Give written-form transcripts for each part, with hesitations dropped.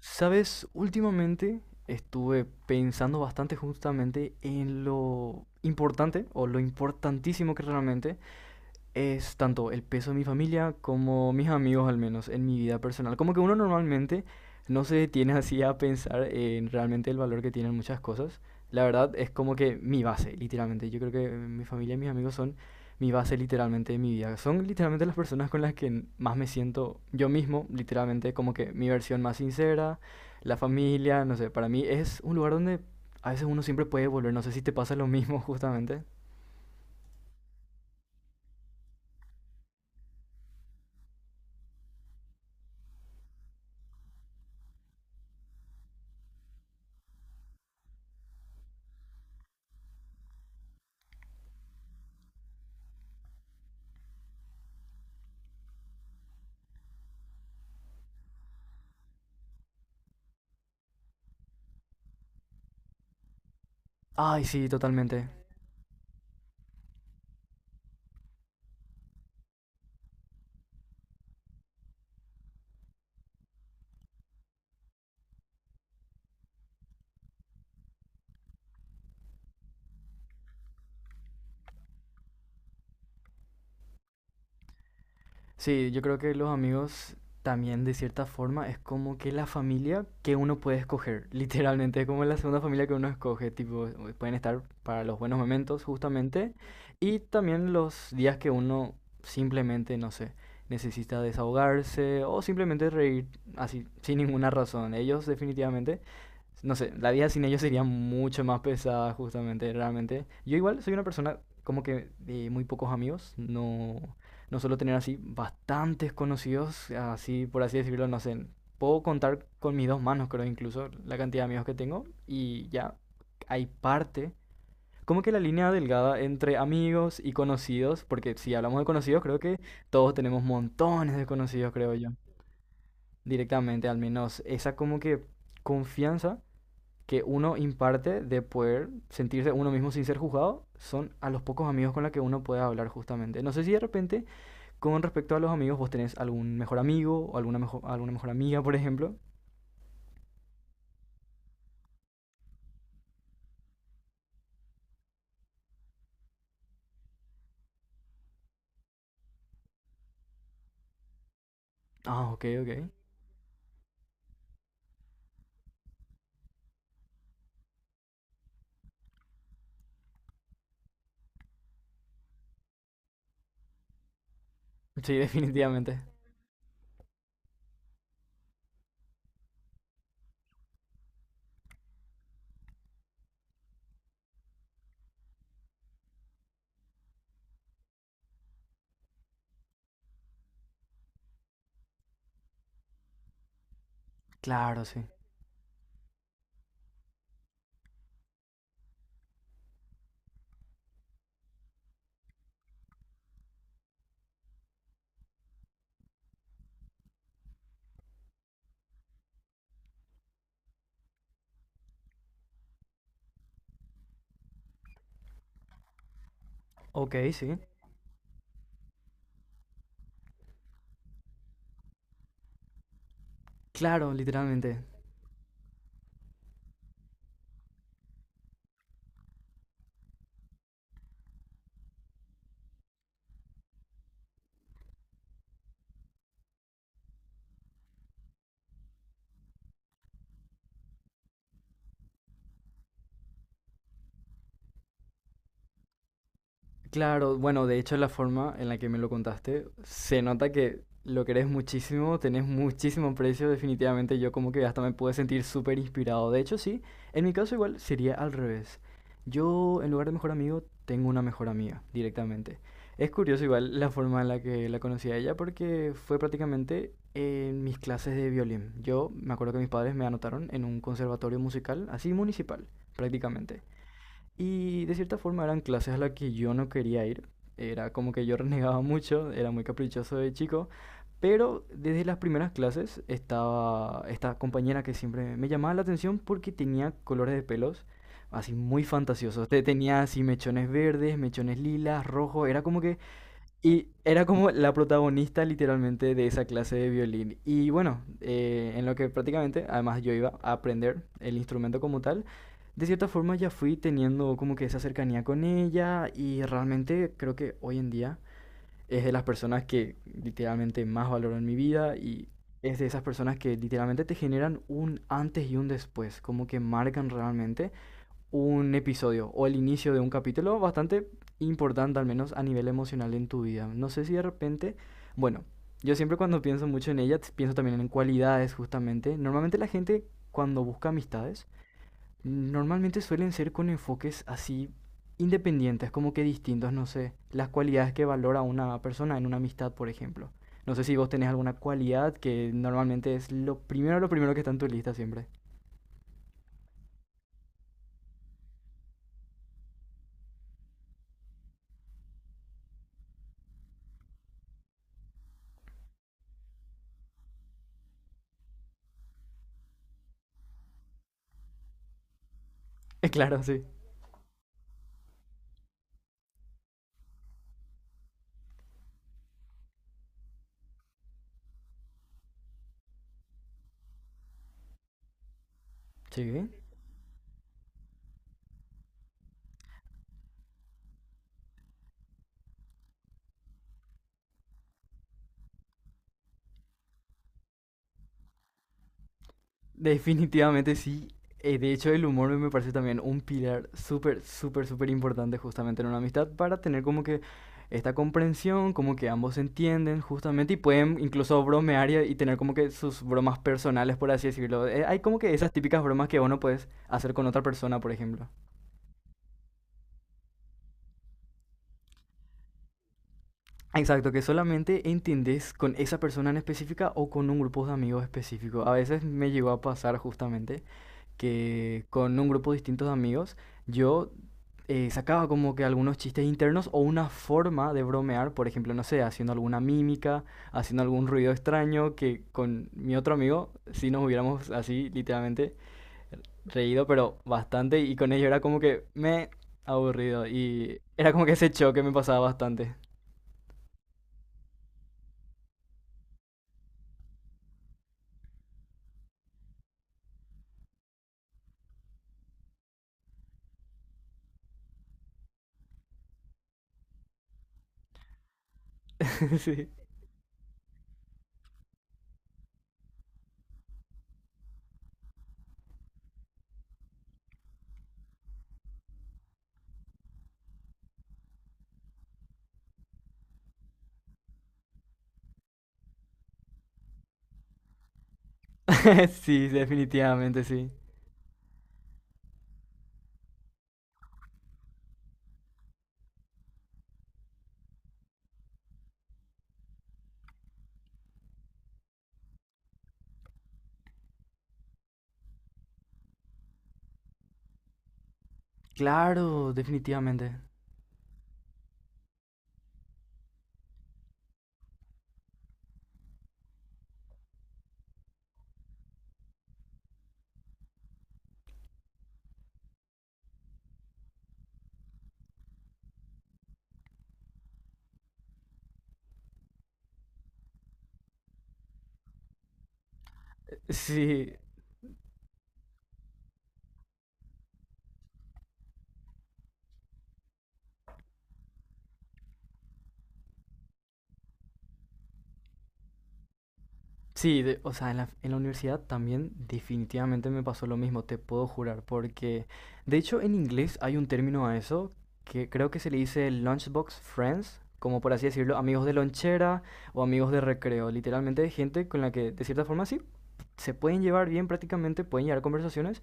Sabes, últimamente estuve pensando bastante justamente en lo importante o lo importantísimo que realmente es tanto el peso de mi familia como mis amigos, al menos en mi vida personal. Como que uno normalmente no se detiene así a pensar en realmente el valor que tienen muchas cosas. La verdad es como que mi base, literalmente. Yo creo que mi familia y mis amigos son mi base literalmente de mi vida. Son literalmente las personas con las que más me siento yo mismo, literalmente como que mi versión más sincera. La familia, no sé, para mí es un lugar donde a veces uno siempre puede volver. No sé si te pasa lo mismo justamente. Ay, sí, totalmente. Sí, yo creo que los amigos también de cierta forma es como que la familia que uno puede escoger. Literalmente es como la segunda familia que uno escoge, tipo, pueden estar para los buenos momentos justamente y también los días que uno simplemente, no sé, necesita desahogarse o simplemente reír así, sin ninguna razón. Ellos definitivamente, no sé, la vida sin ellos sería mucho más pesada, justamente, realmente. Yo igual soy una persona como que de muy pocos amigos. No, no suelo tener así bastantes conocidos, así por así decirlo, no sé. Puedo contar con mis dos manos, creo, incluso la cantidad de amigos que tengo, y ya hay parte, como que la línea delgada entre amigos y conocidos, porque si hablamos de conocidos, creo que todos tenemos montones de conocidos, creo yo, directamente. Al menos esa como que confianza que uno imparte de poder sentirse uno mismo sin ser juzgado son a los pocos amigos con los que uno puede hablar justamente. No sé si de repente con respecto a los amigos vos tenés algún mejor amigo o alguna mejor amiga, por ejemplo. Ah, ok, ok. Sí, definitivamente. Claro, sí. Ok, sí. Claro, literalmente. Claro, bueno, de hecho la forma en la que me lo contaste, se nota que lo querés muchísimo, tenés muchísimo precio. Definitivamente yo como que hasta me pude sentir súper inspirado. De hecho, sí, en mi caso igual sería al revés. Yo en lugar de mejor amigo tengo una mejor amiga directamente. Es curioso igual la forma en la que la conocí a ella, porque fue prácticamente en mis clases de violín. Yo me acuerdo que mis padres me anotaron en un conservatorio musical, así municipal, prácticamente. Y de cierta forma eran clases a las que yo no quería ir. Era como que yo renegaba mucho, era muy caprichoso de chico. Pero desde las primeras clases estaba esta compañera que siempre me llamaba la atención porque tenía colores de pelos así muy fantasiosos. Tenía así mechones verdes, mechones lilas, rojos. Era como que y era como la protagonista literalmente de esa clase de violín. Y bueno, en lo que prácticamente, además yo iba a aprender el instrumento como tal, de cierta forma ya fui teniendo como que esa cercanía con ella, y realmente creo que hoy en día es de las personas que literalmente más valoro en mi vida, y es de esas personas que literalmente te generan un antes y un después, como que marcan realmente un episodio o el inicio de un capítulo bastante importante, al menos a nivel emocional en tu vida. No sé si de repente, bueno, yo siempre cuando pienso mucho en ella, pienso también en cualidades justamente. Normalmente la gente cuando busca amistades, normalmente suelen ser con enfoques así independientes, como que distintos, no sé, las cualidades que valora una persona en una amistad, por ejemplo. No sé si vos tenés alguna cualidad que normalmente es lo primero que está en tu lista siempre. Claro, sí. Sí. Definitivamente sí. De hecho, el humor me parece también un pilar súper, súper, súper importante justamente en una amistad para tener como que esta comprensión, como que ambos se entienden justamente y pueden incluso bromear y tener como que sus bromas personales, por así decirlo. Hay como que esas típicas bromas que uno puedes hacer con otra persona, por ejemplo. Exacto, que solamente entendés con esa persona en específica o con un grupo de amigos específico. A veces me llegó a pasar justamente que con un grupo distinto de amigos yo sacaba como que algunos chistes internos o una forma de bromear, por ejemplo, no sé, haciendo alguna mímica, haciendo algún ruido extraño, que con mi otro amigo sí nos hubiéramos así literalmente reído, pero bastante, y con ello era como que me aburrido, y era como que ese choque me pasaba bastante. Sí. Sí, definitivamente, sí. Claro, definitivamente. Sí, sí, o sea, en la universidad también definitivamente me pasó lo mismo, te puedo jurar, porque de hecho en inglés hay un término a eso, que creo que se le dice lunchbox friends, como por así decirlo, amigos de lonchera o amigos de recreo, literalmente gente con la que de cierta forma sí se pueden llevar bien prácticamente, pueden llevar conversaciones,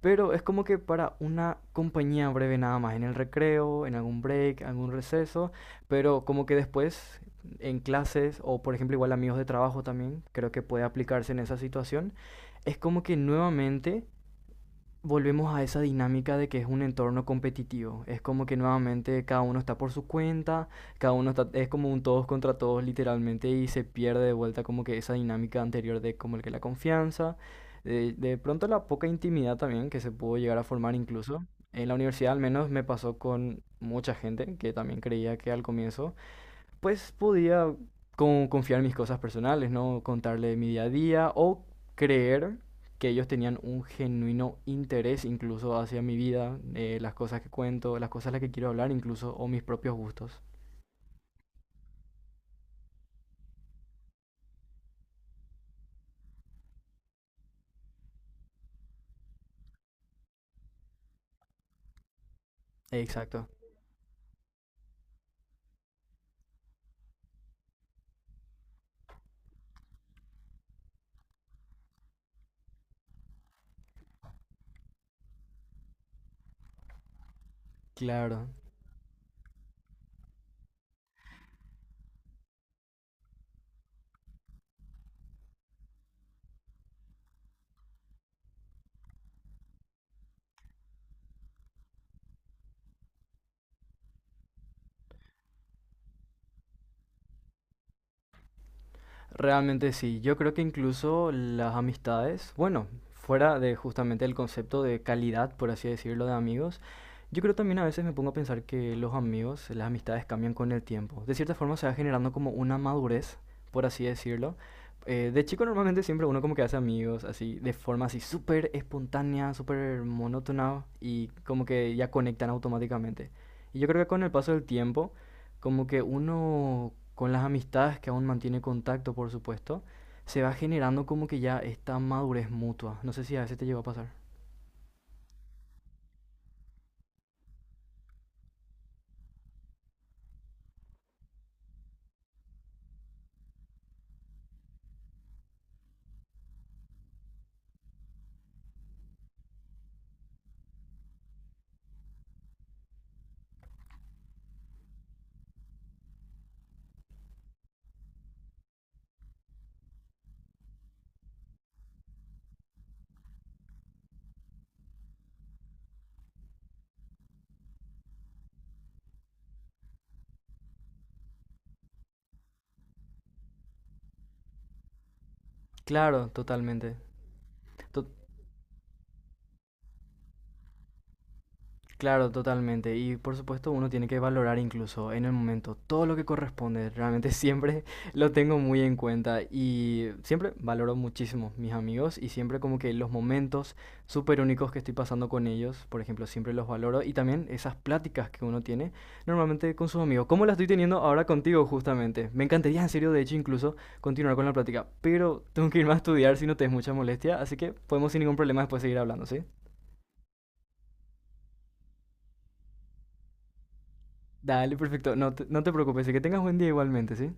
pero es como que para una compañía breve nada más, en el recreo, en algún break, algún receso, pero como que después en clases o por ejemplo igual amigos de trabajo también, creo que puede aplicarse en esa situación. Es como que nuevamente volvemos a esa dinámica de que es un entorno competitivo. Es como que nuevamente cada uno está por su cuenta, cada uno está, es como un todos contra todos literalmente, y se pierde de vuelta como que esa dinámica anterior de como el que la confianza, de pronto la poca intimidad también que se pudo llegar a formar incluso. En la universidad al menos me pasó con mucha gente que también creía que al comienzo pues podía confiar en mis cosas personales, ¿no? Contarle mi día a día o creer que ellos tenían un genuino interés incluso hacia mi vida, las cosas que cuento, las cosas a las que quiero hablar incluso, o mis propios gustos. Exacto. Claro. Realmente sí, yo creo que incluso las amistades, bueno, fuera de justamente el concepto de calidad, por así decirlo, de amigos, yo creo también a veces me pongo a pensar que los amigos, las amistades cambian con el tiempo. De cierta forma se va generando como una madurez, por así decirlo. De chico normalmente siempre uno como que hace amigos, así, de forma así súper espontánea, súper monótona, y como que ya conectan automáticamente. Y yo creo que con el paso del tiempo como que uno, con las amistades que aún mantiene contacto, por supuesto, se va generando como que ya esta madurez mutua. No sé si a veces te llegó a pasar. Claro, totalmente. To- Claro, totalmente. Y por supuesto uno tiene que valorar incluso en el momento todo lo que corresponde. Realmente siempre lo tengo muy en cuenta, y siempre valoro muchísimo mis amigos y siempre como que los momentos súper únicos que estoy pasando con ellos, por ejemplo, siempre los valoro, y también esas pláticas que uno tiene normalmente con sus amigos. ¿Cómo la estoy teniendo ahora contigo justamente? Me encantaría en serio, de hecho, incluso continuar con la plática, pero tengo que irme a estudiar si no te es mucha molestia, así que podemos sin ningún problema después seguir hablando, ¿sí? Dale, perfecto. No te preocupes, y que tengas buen día igualmente, ¿sí?